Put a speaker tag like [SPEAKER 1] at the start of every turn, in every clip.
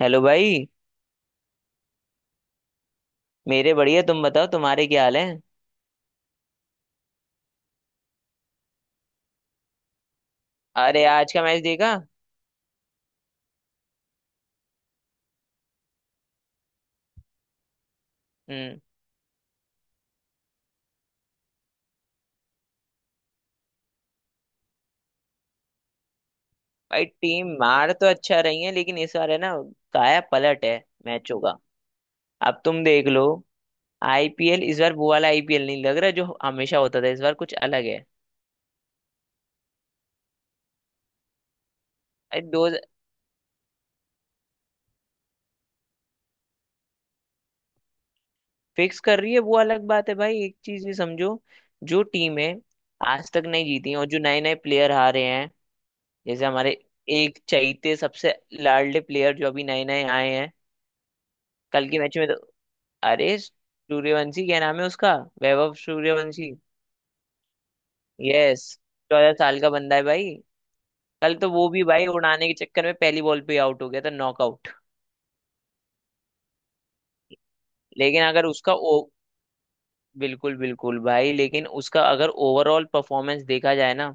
[SPEAKER 1] Hello भाई। मेरे बढ़िया, तुम बताओ, तुम्हारे क्या हाल है। अरे आज का मैच देखा। हम्म। भाई टीम मार तो अच्छा रही है, लेकिन इस बार है ना, काया पलट है मैचों का। अब तुम देख लो, आईपीएल इस बार वो वाला आईपीएल नहीं लग रहा जो हमेशा होता था। इस बार कुछ अलग है। अरे दो फिक्स कर रही है वो अलग बात है भाई। एक चीज ये समझो, जो टीमें आज तक नहीं जीती हैं और जो नए नए प्लेयर आ रहे हैं, जैसे हमारे एक चैते सबसे लाडले प्लेयर जो अभी नए नए आए हैं। कल के मैच में तो अरे सूर्यवंशी, क्या नाम है उसका, वैभव सूर्यवंशी। यस। 14 साल का बंदा है भाई। कल तो वो भी भाई उड़ाने के चक्कर में पहली बॉल पे आउट हो गया था, नॉकआउट। लेकिन अगर उसका ओ बिल्कुल बिल्कुल भाई, लेकिन उसका अगर ओवरऑल परफॉर्मेंस देखा जाए ना,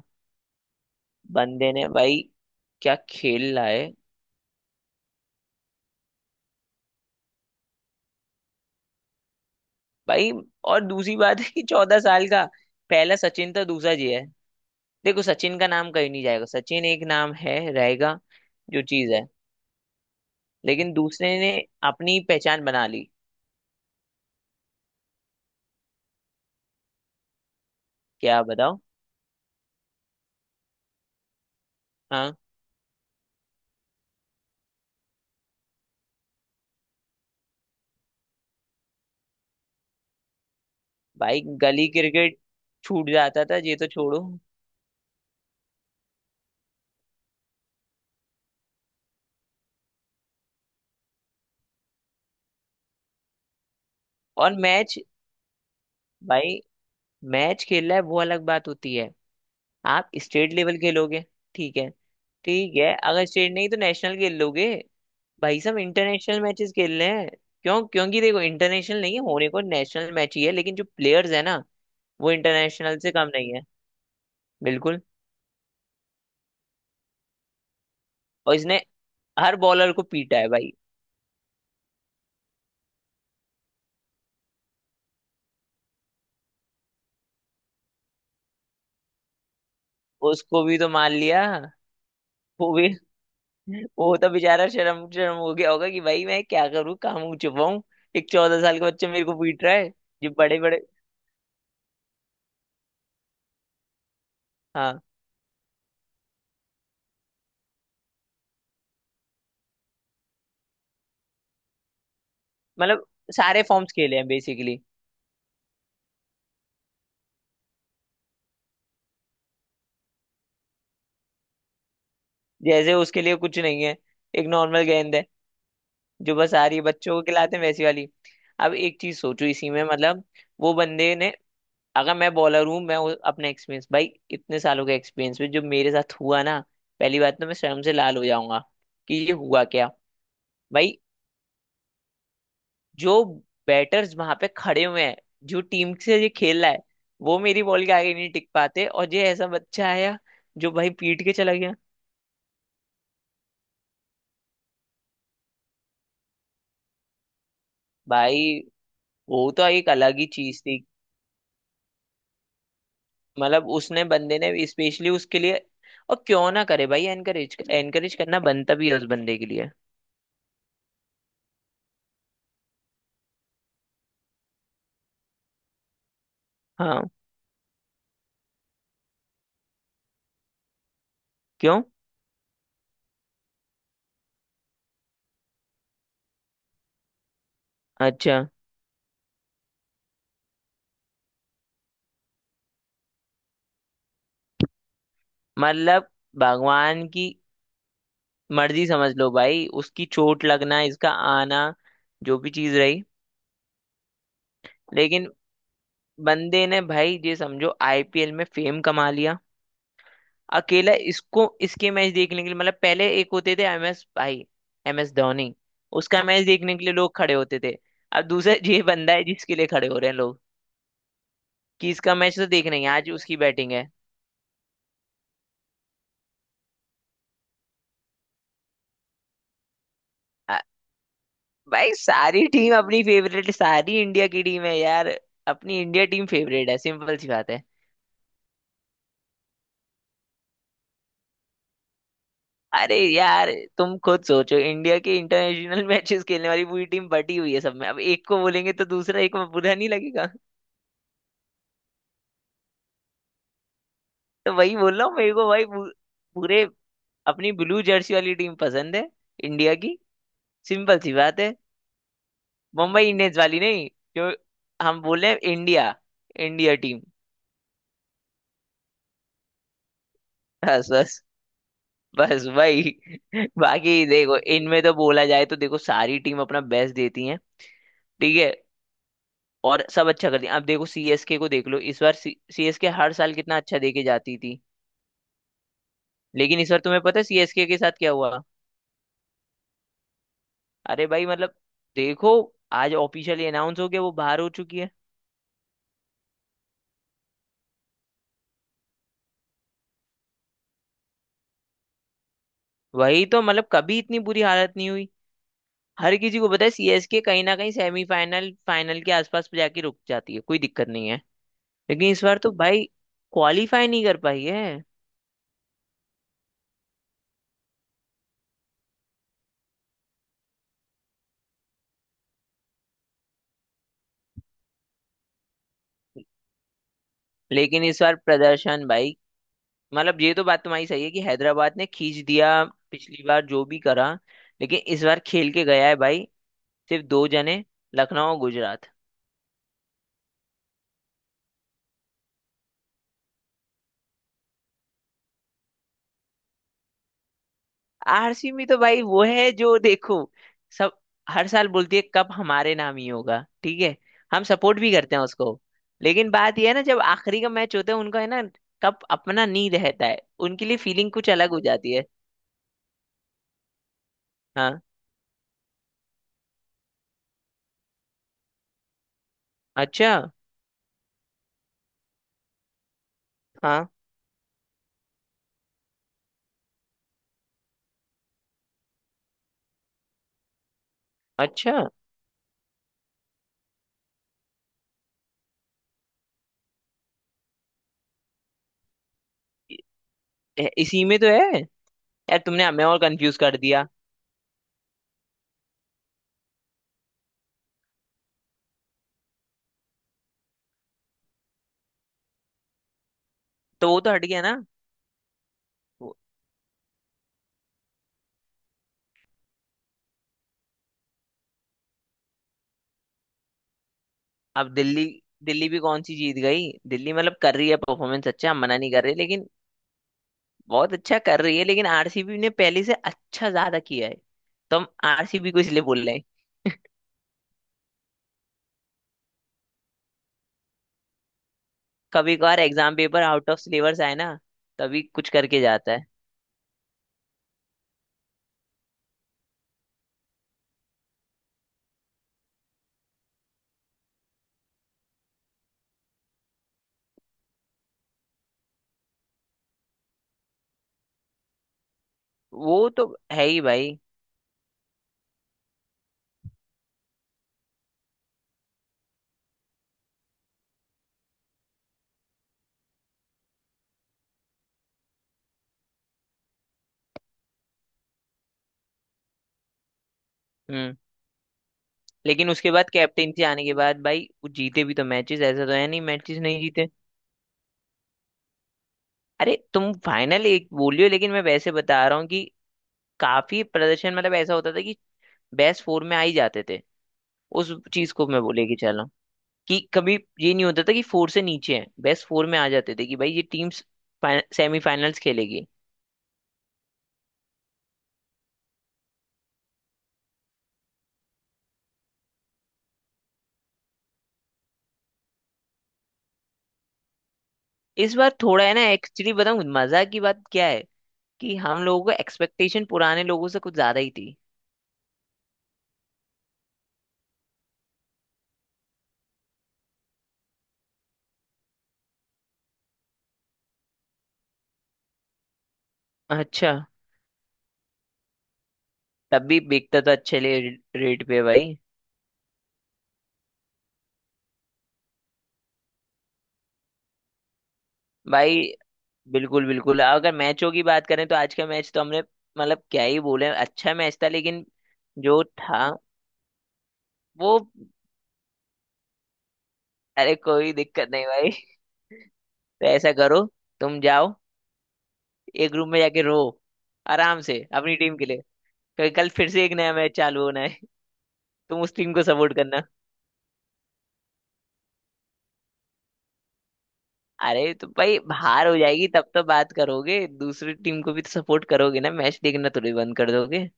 [SPEAKER 1] बंदे ने भाई क्या खेल रहा है। भाई, और दूसरी बात है कि 14 साल का पहला सचिन था, दूसरा ये है। देखो, सचिन का नाम कहीं नहीं जाएगा। सचिन एक नाम है, रहेगा जो चीज है। लेकिन दूसरे ने अपनी पहचान बना ली। क्या बताओ। हाँ भाई, गली क्रिकेट छूट जाता था, ये तो छोड़ो। और मैच भाई, मैच खेलना है वो अलग बात होती है। आप स्टेट लेवल खेलोगे, ठीक है। ठीक है, अगर स्टेट नहीं तो नेशनल खेल लोगे। भाई साहब इंटरनेशनल मैचेस खेल रहे हैं। क्यों? क्योंकि देखो, इंटरनेशनल नहीं है, होने को नेशनल मैच ही है, लेकिन जो प्लेयर्स है ना, वो इंटरनेशनल से कम नहीं है। बिल्कुल। और इसने हर बॉलर को पीटा है भाई। उसको भी तो मार लिया। वो भी, वो तो बेचारा शर्म शर्म हो गया होगा कि भाई मैं क्या करूँ, कहाँ मुंह छुपाऊं। एक 14 साल का बच्चा मेरे को पीट रहा है। जो बड़े बड़े, हाँ, मतलब सारे फॉर्म्स खेले हैं बेसिकली। जैसे उसके लिए कुछ नहीं है, एक नॉर्मल गेंद है जो बस आ रही है, बच्चों को खिलाते हैं वैसी वाली। अब एक चीज सोचो, इसी में मतलब वो बंदे ने, अगर मैं बॉलर हूँ, अपना एक्सपीरियंस भाई, इतने सालों का एक्सपीरियंस में जो मेरे साथ हुआ ना, पहली बात तो मैं शर्म से लाल हो जाऊंगा कि ये हुआ क्या। भाई, जो बैटर्स वहां पे खड़े हुए हैं, जो टीम से ये खेल रहा है, वो मेरी बॉल के आगे नहीं टिक पाते, और ये ऐसा बच्चा आया जो भाई पीट के चला गया। भाई वो तो एक अलग ही चीज थी। मतलब उसने बंदे ने स्पेशली उसके लिए, और क्यों ना करे भाई, एनकरेज एनकरेज करना बनता भी है उस बंदे के लिए। हाँ, क्यों, अच्छा, मतलब भगवान की मर्जी समझ लो भाई, उसकी चोट लगना, इसका आना, जो भी चीज रही। लेकिन बंदे ने भाई, ये समझो, आईपीएल में फेम कमा लिया अकेला। इसको, इसके मैच देखने के लिए, मतलब पहले एक होते थे एमएस भाई, एमएस धोनी। उसका मैच देखने के लिए लोग खड़े होते थे। अब दूसरा ये बंदा है जिसके लिए खड़े हो रहे हैं लोग, कि इसका मैच तो देखना ही है, आज उसकी बैटिंग है। अ, भाई सारी टीम अपनी फेवरेट, सारी इंडिया की टीम है यार। अपनी इंडिया टीम फेवरेट है, सिंपल सी बात है। अरे यार, तुम खुद सोचो, इंडिया की इंटरनेशनल मैचेस खेलने वाली पूरी टीम बटी हुई है सब में, अब एक को बोलेंगे तो दूसरा एक में बुरा नहीं लगेगा। तो वही बोल रहा हूँ, मेरे को भाई पूरे, अपनी ब्लू जर्सी वाली टीम पसंद है, इंडिया की। सिंपल सी बात है। मुंबई इंडियंस वाली नहीं, जो हम बोले इंडिया, इंडिया टीम। बस बस बस भाई। बाकी देखो, इनमें तो बोला जाए तो देखो सारी टीम अपना बेस्ट देती है, ठीक है। और सब अच्छा कर दिया। आप देखो, सीएसके को देख लो, इस बार सीएसके हर साल कितना अच्छा दे के जाती थी। लेकिन इस बार तुम्हें पता है सीएसके के साथ क्या हुआ। अरे भाई, मतलब देखो, आज ऑफिशियली अनाउंस हो गया, वो बाहर हो चुकी है। वही तो, मतलब कभी इतनी बुरी हालत नहीं हुई। हर किसी को पता है सीएसके कहीं ना कहीं सेमीफाइनल फाइनल के आसपास जाके रुक जाती है, कोई दिक्कत नहीं है। लेकिन इस बार तो भाई क्वालिफाई नहीं कर पाई है। लेकिन इस बार प्रदर्शन भाई, मतलब ये तो बात तुम्हारी सही है कि हैदराबाद ने खींच दिया पिछली बार, जो भी करा। लेकिन इस बार खेल के गया है भाई सिर्फ दो जने, लखनऊ और गुजरात। आरसीबी तो भाई वो है जो देखो, सब हर साल बोलती है कप हमारे नाम ही होगा, ठीक है। हम सपोर्ट भी करते हैं उसको। लेकिन बात यह है ना, जब आखिरी का मैच होता है उनका है ना, कप अपना नहीं रहता है। उनके लिए फीलिंग कुछ अलग हो जाती है। हाँ। अच्छा। हाँ। अच्छा। इसी में तो है। यार तुमने हमें और कंफ्यूज कर दिया। तो वो तो हट गया ना। वो- अब दिल्ली, दिल्ली भी कौन सी जीत गई। दिल्ली मतलब कर रही है परफॉर्मेंस अच्छा, हम मना नहीं कर रहे, लेकिन बहुत अच्छा कर रही है। लेकिन आरसीबी ने पहले से अच्छा ज्यादा किया है, तो हम आरसीबी को इसलिए बोल रहे हैं। कभी कभार exam paper out of syllabus आए ना, तभी कुछ करके जाता है। वो तो है ही भाई। हम्म। लेकिन उसके बाद कैप्टेंसी आने के बाद भाई, वो जीते भी तो मैचेस, ऐसा तो है नहीं मैचेस नहीं जीते। अरे तुम फाइनल एक बोलियो, लेकिन मैं वैसे बता रहा हूँ कि काफी प्रदर्शन, मतलब ऐसा होता था कि बेस्ट फोर में आ ही जाते थे। उस चीज को मैं बोले कि चलो, कि कभी ये नहीं होता था कि फोर से नीचे है, बेस्ट फोर में आ जाते थे कि भाई ये टीम्स सेमीफाइनल्स खेलेगी। इस बार थोड़ा है ना, एक्चुअली बताऊं मजा की बात क्या है, कि हम लोगों का एक्सपेक्टेशन पुराने लोगों से कुछ ज्यादा ही थी। अच्छा, तब भी बिकता तो अच्छे ले रेट पे भाई। भाई बिल्कुल बिल्कुल, अगर मैचों की बात करें तो आज का मैच तो हमने, मतलब क्या ही बोले, अच्छा मैच था, लेकिन जो था वो। अरे कोई दिक्कत नहीं भाई, तो ऐसा करो, तुम जाओ एक रूम में जाके रो आराम से अपनी टीम के लिए, क्योंकि कल फिर से एक नया मैच चालू होना है। तुम उस टीम को सपोर्ट करना। अरे तो भाई, हार हो जाएगी तब तो बात करोगे, दूसरी टीम को भी तो सपोर्ट करोगे ना, मैच देखना थोड़ी बंद कर दोगे।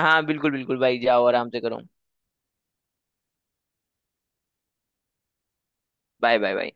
[SPEAKER 1] हाँ बिल्कुल बिल्कुल भाई, जाओ आराम से करो। Bye bye bye.